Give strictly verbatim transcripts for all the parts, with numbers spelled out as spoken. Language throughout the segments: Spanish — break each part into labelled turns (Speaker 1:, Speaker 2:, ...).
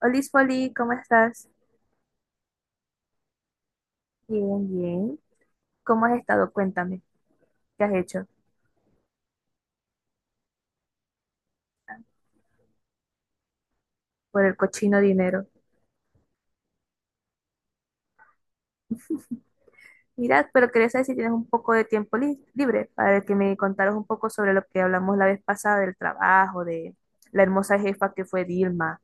Speaker 1: Olis Foli, ¿cómo estás? Bien, bien. ¿Cómo has estado? Cuéntame, ¿qué has hecho por el cochino dinero? Mirad, pero quería saber si tienes un poco de tiempo li- libre para que me contaras un poco sobre lo que hablamos la vez pasada del trabajo, de la hermosa jefa que fue Dilma.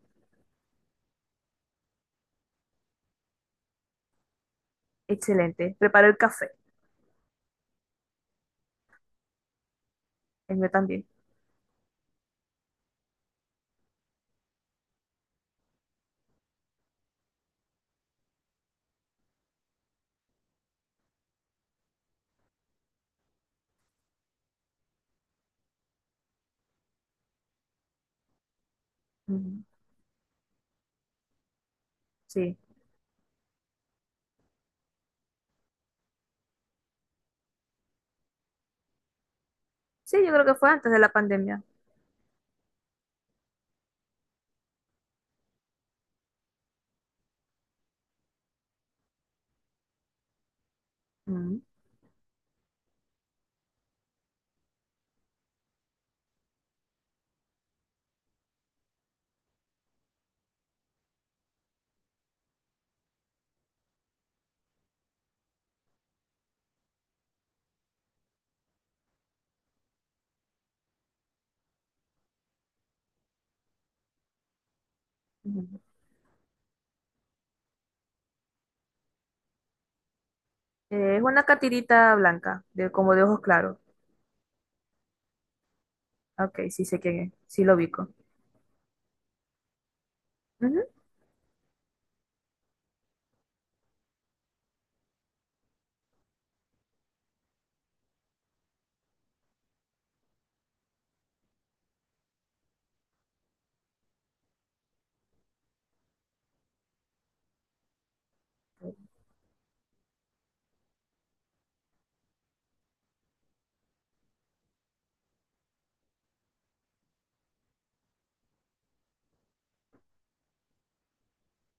Speaker 1: Excelente. Preparó el café, el mío también. Ujú. Sí, sí, yo creo que fue antes de la pandemia. Ujú, ujú. Eh, es una catirita blanca, de, como de ojos claros. Ok, sí sé quién es, sí lo ubico. Ujú,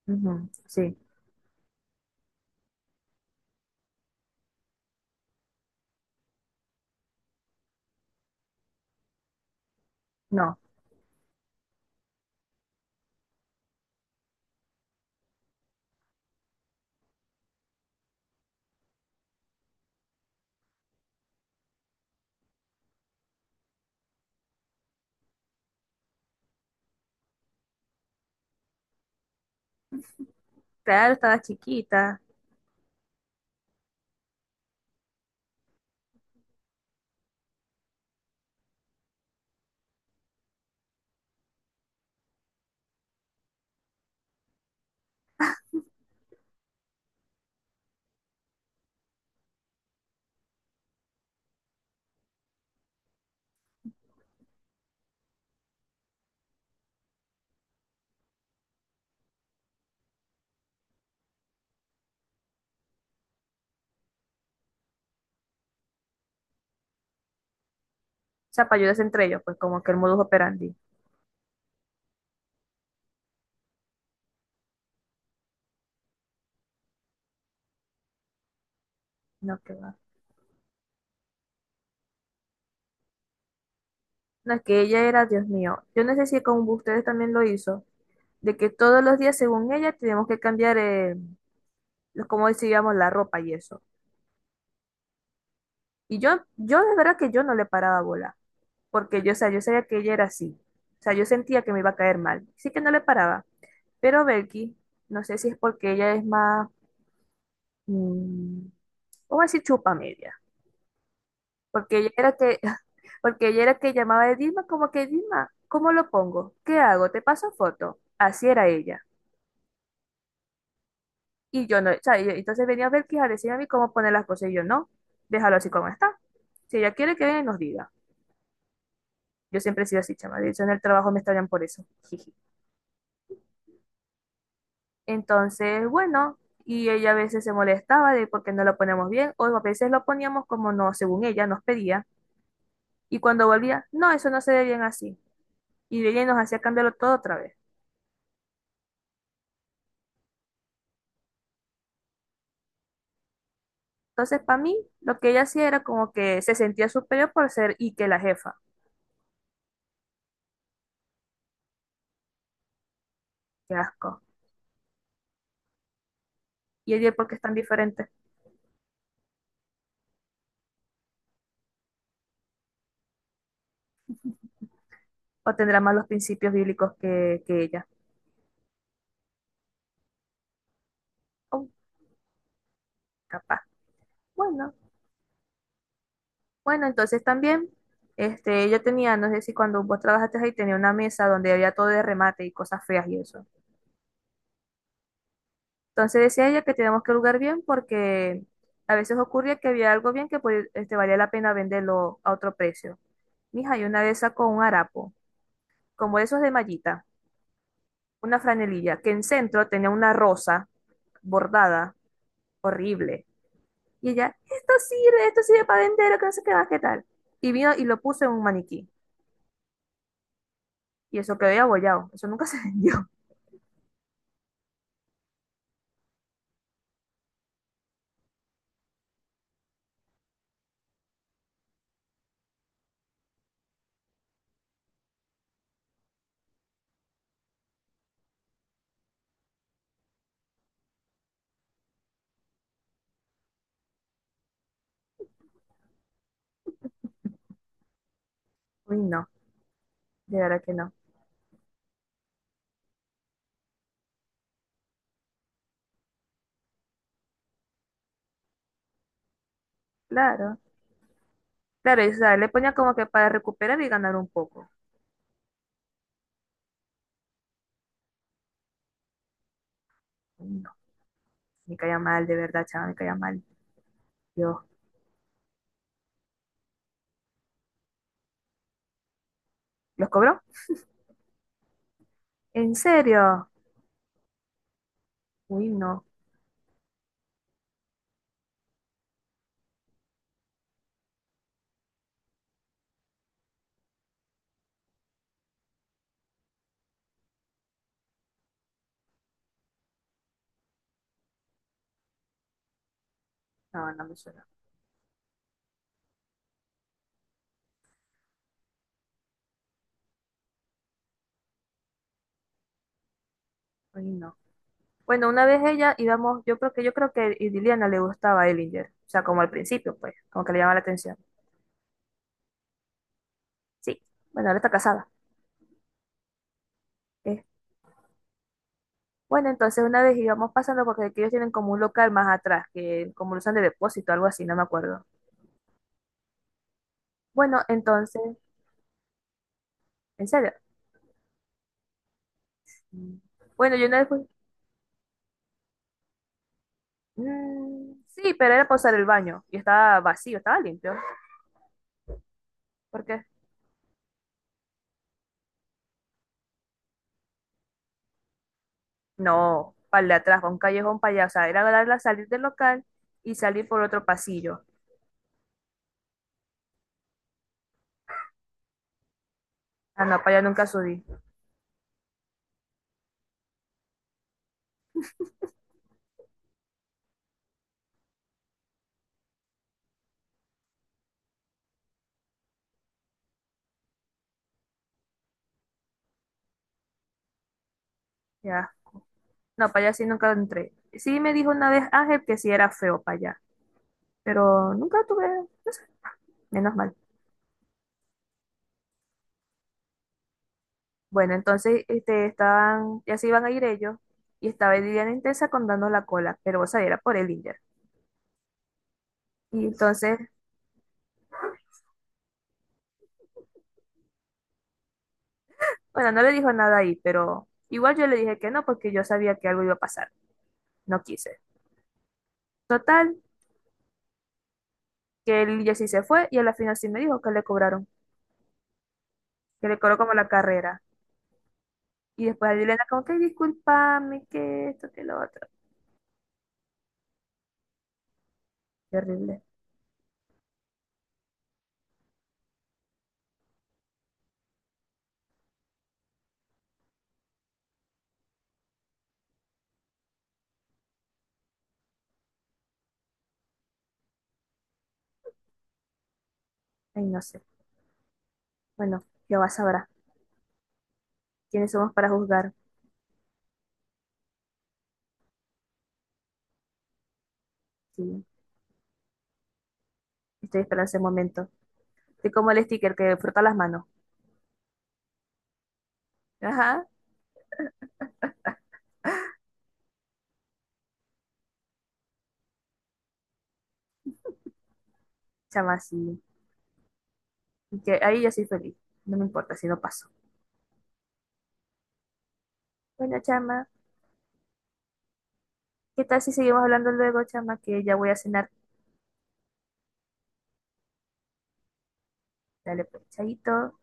Speaker 1: ujú, sí, no. Claro, estaba chiquita. O sea, para ayudarse entre ellos, pues como que el modus operandi. No, que va. No, es que ella era, Dios mío. Yo no sé si con ustedes también lo hizo, de que todos los días, según ella, teníamos que cambiar, eh, los- como decíamos, la ropa y eso. Y yo, yo de verdad que yo no le paraba bola, porque yo, o sea, yo sabía que ella era así. O sea, yo sentía que me iba a caer mal. Sí que no le paraba. Pero Belki, no sé si es porque ella es más, mm, vamos a decir, chupa. Porque ella era que, porque ella era que llamaba a Dima como que Dima, ¿cómo lo pongo? ¿Qué hago? ¿Te paso foto? Así era ella. Y yo no, o sea, y- entonces venía a ver que a decirme a mí cómo poner las cosas y yo no, déjalo así como está. Si ella quiere que venga y nos diga. Yo siempre he sido así, chama. De hecho, en el trabajo me extrañan por eso. Jiji. Entonces, bueno, y ella a veces se molestaba de por qué no lo ponemos bien, o a veces lo poníamos como no, según ella nos pedía. Y cuando volvía, no, eso no se ve bien así. Y ella nos hacía cambiarlo todo otra vez. Entonces, para mí, lo que ella hacía era como que se sentía superior por ser Ike la jefa. Qué asco. ¿Y ella por qué es tan diferente? ¿O tendrá más los principios bíblicos que, que ella? Oh, capaz. Bueno, bueno, entonces también, este, ella tenía, no sé si cuando vos trabajaste ahí, tenía una mesa donde había todo de remate y cosas feas y eso. Entonces decía ella que teníamos que lugar bien porque a veces ocurría que había algo bien que pues, este, valía la pena venderlo a otro precio. Mija, y una de esas con un harapo, como esos de mallita. Una franelilla que en centro tenía una rosa bordada, horrible. Y ella, esto sirve, esto sirve para vender, que no sé qué más, qué tal. Y vino y lo puso en un maniquí. Y eso quedó ahí abollado. Eso nunca se vendió. Uy, no, de verdad que no. Claro. Claro, y, o sea, le ponía como que para recuperar y ganar un poco. Uy, no, me caía mal, de verdad, chaval, me caía mal. Dios, ¿los cobró? ¿En serio? Uy, no. No, no me suena. Uy, no. Bueno, una vez ella íbamos, yo creo que yo creo que a Liliana le gustaba a Ellinger, o sea, como al principio, pues, como que le llamaba la atención. Sí, bueno, ahora está casada. Eh, Bueno, entonces una vez íbamos pasando porque aquí ellos tienen como un local más atrás, que como lo usan de depósito, algo así, no me acuerdo. Bueno, entonces, en serio. Mm. Bueno, yo una vez fui- Mm, sí, pero era para usar el baño y estaba vacío, estaba limpio. ¿Por qué? No, para el de atrás, para un callejón para allá, o sea, era darla salir del local y salir por otro pasillo. Ah, no, para allá nunca subí. Ya. No, para allá sí nunca entré. Sí me dijo una vez Ángel que sí era feo para allá, pero nunca tuve, no sé, menos mal. Bueno, entonces este, estaban, ya se iban a ir ellos y estaba Liliana intensa contando la cola, pero vos sabés, era por el Inder. Y entonces, bueno, no le dijo nada ahí, pero igual yo le dije que no porque yo sabía que algo iba a pasar. No quise. Total, que el Inder sí se fue y a la final sí me dijo que le cobraron, que le cobró como la carrera. Y después a Liliana como que discúlpame, que esto, que lo otro. Terrible. Ay, no sé. Bueno, Jehová sabrá quiénes somos para juzgar. Sí, estoy esperando ese momento. Estoy como el sticker que frota las manos. Ajá, chama, sí. Y que ahí yo soy feliz. No me importa si no paso. Bueno, chama, ¿qué tal si seguimos hablando luego, chama? Que ya voy a cenar. Dale, pues, chaito.